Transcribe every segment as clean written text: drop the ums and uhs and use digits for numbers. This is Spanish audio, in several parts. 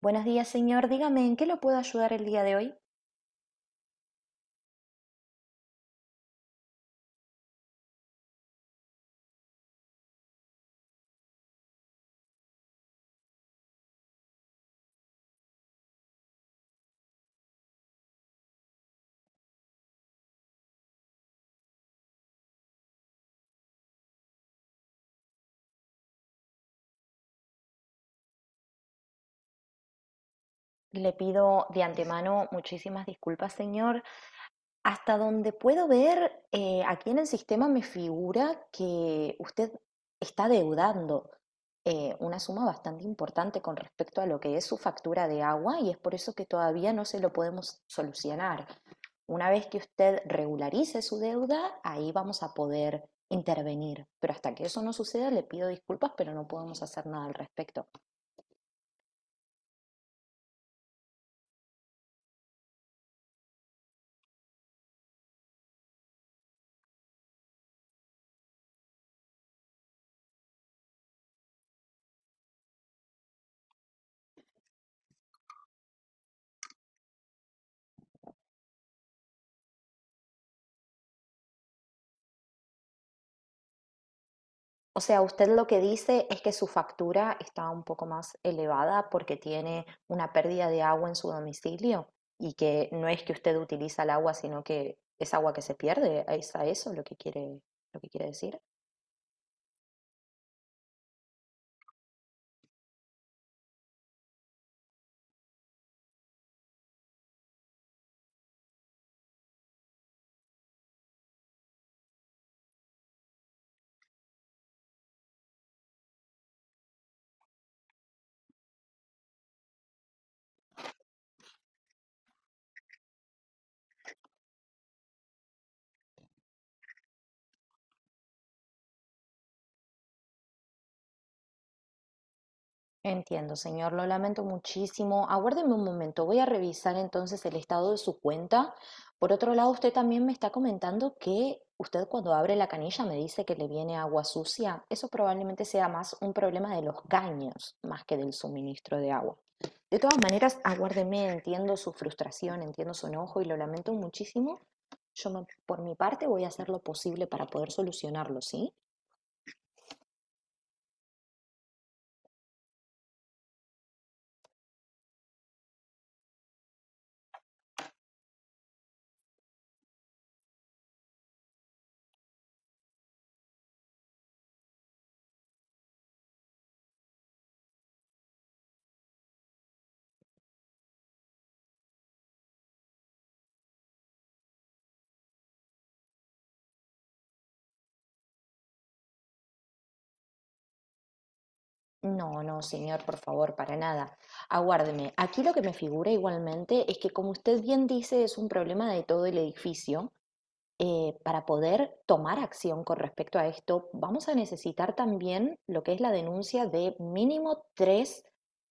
Buenos días, señor. Dígame, ¿en qué lo puedo ayudar el día de hoy? Le pido de antemano muchísimas disculpas, señor. Hasta donde puedo ver, aquí en el sistema me figura que usted está deudando una suma bastante importante con respecto a lo que es su factura de agua y es por eso que todavía no se lo podemos solucionar. Una vez que usted regularice su deuda, ahí vamos a poder intervenir. Pero hasta que eso no suceda, le pido disculpas, pero no podemos hacer nada al respecto. O sea, usted lo que dice es que su factura está un poco más elevada porque tiene una pérdida de agua en su domicilio y que no es que usted utiliza el agua, sino que es agua que se pierde. ¿Es a eso lo que quiere decir? Entiendo, señor, lo lamento muchísimo. Aguárdeme un momento, voy a revisar entonces el estado de su cuenta. Por otro lado, usted también me está comentando que usted cuando abre la canilla me dice que le viene agua sucia. Eso probablemente sea más un problema de los caños, más que del suministro de agua. De todas maneras, aguárdeme, entiendo su frustración, entiendo su enojo y lo lamento muchísimo. Yo, por mi parte, voy a hacer lo posible para poder solucionarlo, ¿sí? No, no, señor, por favor, para nada. Aguárdeme. Aquí lo que me figura igualmente es que, como usted bien dice, es un problema de todo el edificio para poder tomar acción con respecto a esto, vamos a necesitar también lo que es la denuncia de mínimo tres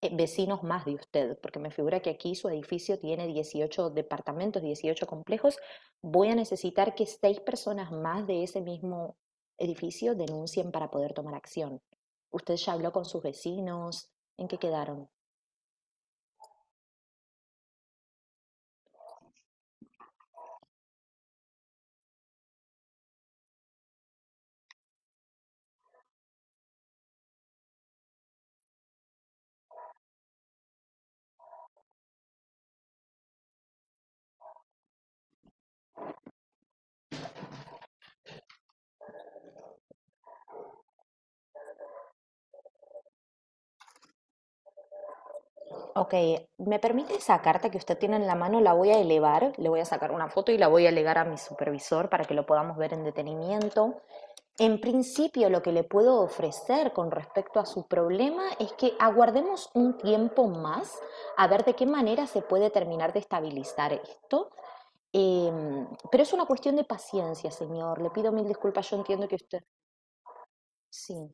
vecinos más de usted, porque me figura que aquí su edificio tiene 18 departamentos, 18 complejos. Voy a necesitar que seis personas más de ese mismo edificio denuncien para poder tomar acción. ¿Usted ya habló con sus vecinos? ¿En qué quedaron? Ok, ¿me permite esa carta que usted tiene en la mano? La voy a elevar, le voy a sacar una foto y la voy a elegar a mi supervisor para que lo podamos ver en detenimiento. En principio, lo que le puedo ofrecer con respecto a su problema es que aguardemos un tiempo más a ver de qué manera se puede terminar de estabilizar esto. Pero es una cuestión de paciencia, señor. Le pido mil disculpas, yo entiendo que usted... Sí.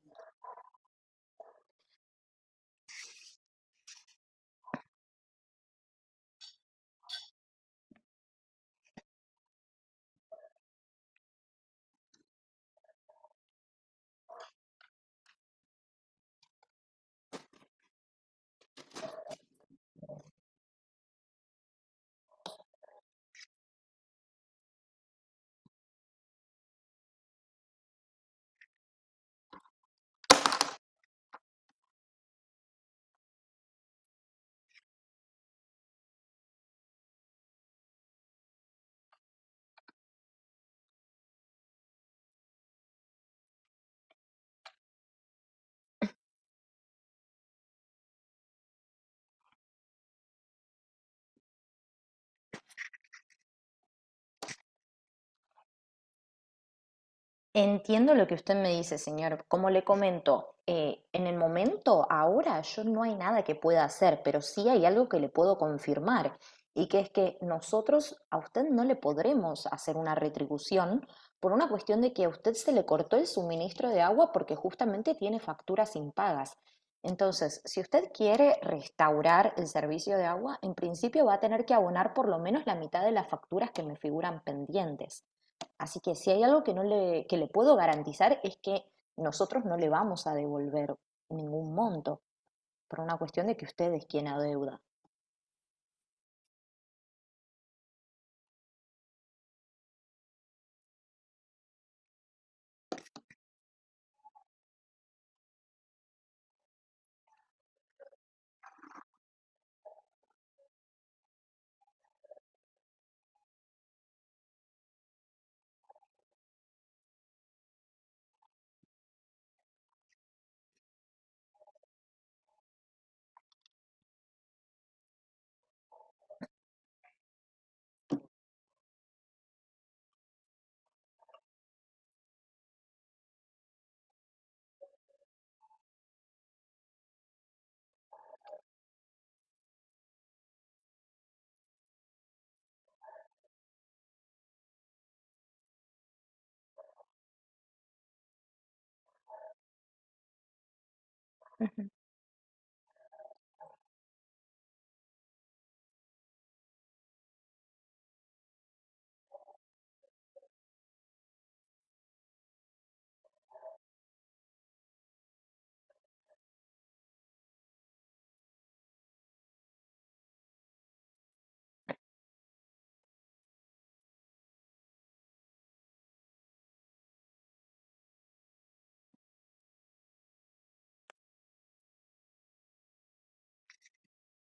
Entiendo lo que usted me dice, señor. Como le comento, en el momento, ahora, yo no hay nada que pueda hacer, pero sí hay algo que le puedo confirmar, y que es que nosotros a usted no le podremos hacer una retribución por una cuestión de que a usted se le cortó el suministro de agua porque justamente tiene facturas impagas. Entonces, si usted quiere restaurar el servicio de agua, en principio va a tener que abonar por lo menos la mitad de las facturas que me figuran pendientes. Así que si hay algo que no le, que le puedo garantizar es que nosotros no le vamos a devolver ningún monto por una cuestión de que usted es quien adeuda.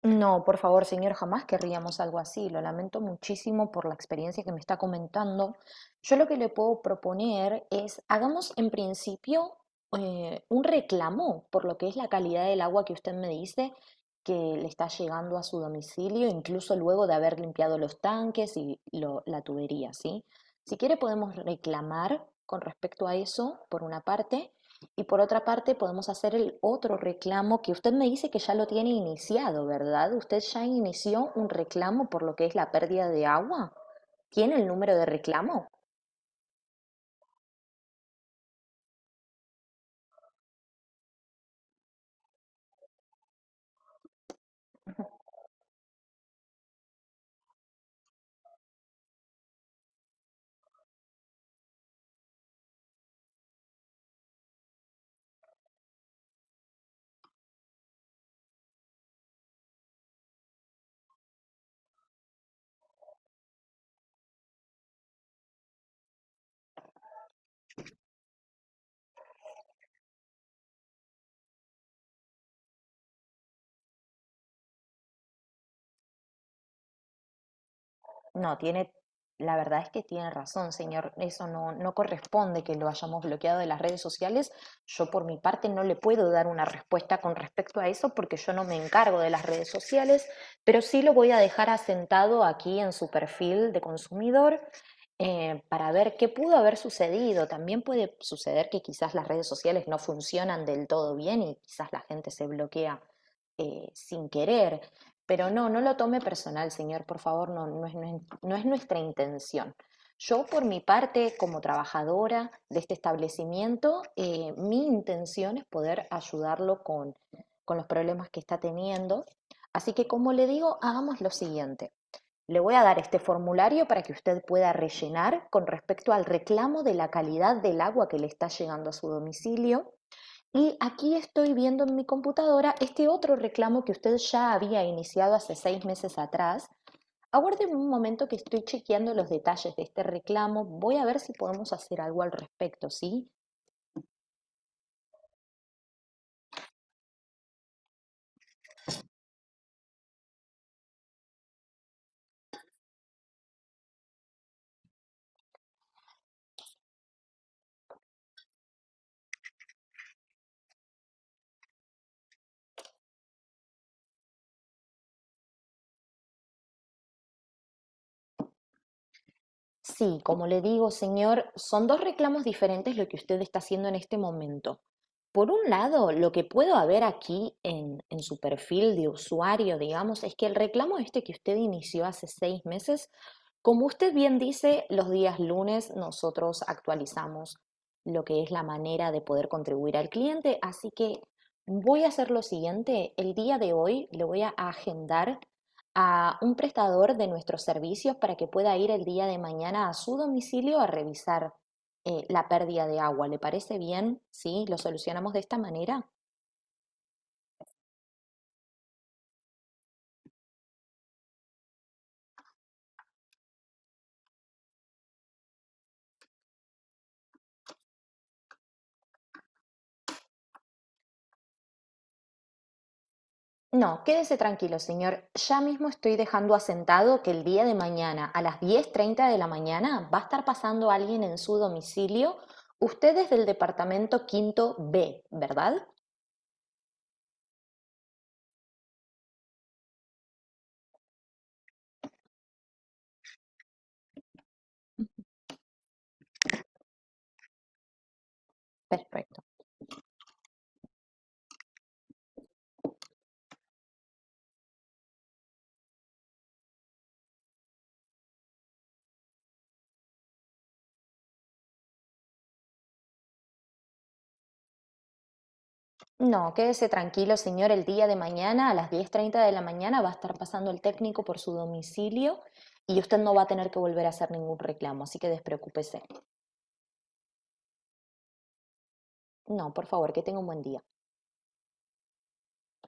No, por favor, señor, jamás querríamos algo así. Lo lamento muchísimo por la experiencia que me está comentando. Yo lo que le puedo proponer es, hagamos en principio un reclamo por lo que es la calidad del agua que usted me dice que le está llegando a su domicilio, incluso luego de haber limpiado los tanques y la tubería, ¿sí? Si quiere podemos reclamar con respecto a eso, por una parte, y por otra parte, podemos hacer el otro reclamo que usted me dice que ya lo tiene iniciado, ¿verdad? ¿Usted ya inició un reclamo por lo que es la pérdida de agua? ¿Tiene el número de reclamo? No, la verdad es que tiene razón, señor. Eso no, no corresponde que lo hayamos bloqueado de las redes sociales. Yo por mi parte no le puedo dar una respuesta con respecto a eso porque yo no me encargo de las redes sociales, pero sí lo voy a dejar asentado aquí en su perfil de consumidor para ver qué pudo haber sucedido. También puede suceder que quizás las redes sociales no funcionan del todo bien y quizás la gente se bloquea sin querer. Pero no, no lo tome personal, señor, por favor, no, no es nuestra intención. Yo, por mi parte, como trabajadora de este establecimiento, mi intención es poder ayudarlo con los problemas que está teniendo. Así que, como le digo, hagamos lo siguiente. Le voy a dar este formulario para que usted pueda rellenar con respecto al reclamo de la calidad del agua que le está llegando a su domicilio. Y aquí estoy viendo en mi computadora este otro reclamo que usted ya había iniciado hace 6 meses atrás. Aguarden un momento que estoy chequeando los detalles de este reclamo. Voy a ver si podemos hacer algo al respecto, ¿sí? Sí, como le digo, señor, son dos reclamos diferentes lo que usted está haciendo en este momento. Por un lado, lo que puedo ver aquí en su perfil de usuario, digamos, es que el reclamo este que usted inició hace 6 meses, como usted bien dice, los días lunes nosotros actualizamos lo que es la manera de poder contribuir al cliente, así que voy a hacer lo siguiente, el día de hoy le voy a agendar a un prestador de nuestros servicios para que pueda ir el día de mañana a su domicilio a revisar la pérdida de agua. ¿Le parece bien? ¿Sí? ¿Lo solucionamos de esta manera? No, quédese tranquilo, señor. Ya mismo estoy dejando asentado que el día de mañana, a las 10:30 de la mañana, va a estar pasando alguien en su domicilio. Usted es del departamento quinto B, ¿verdad? Perfecto. No, quédese tranquilo, señor. El día de mañana, a las diez treinta de la mañana, va a estar pasando el técnico por su domicilio y usted no va a tener que volver a hacer ningún reclamo, así que despreocúpese. No, por favor, que tenga un buen día.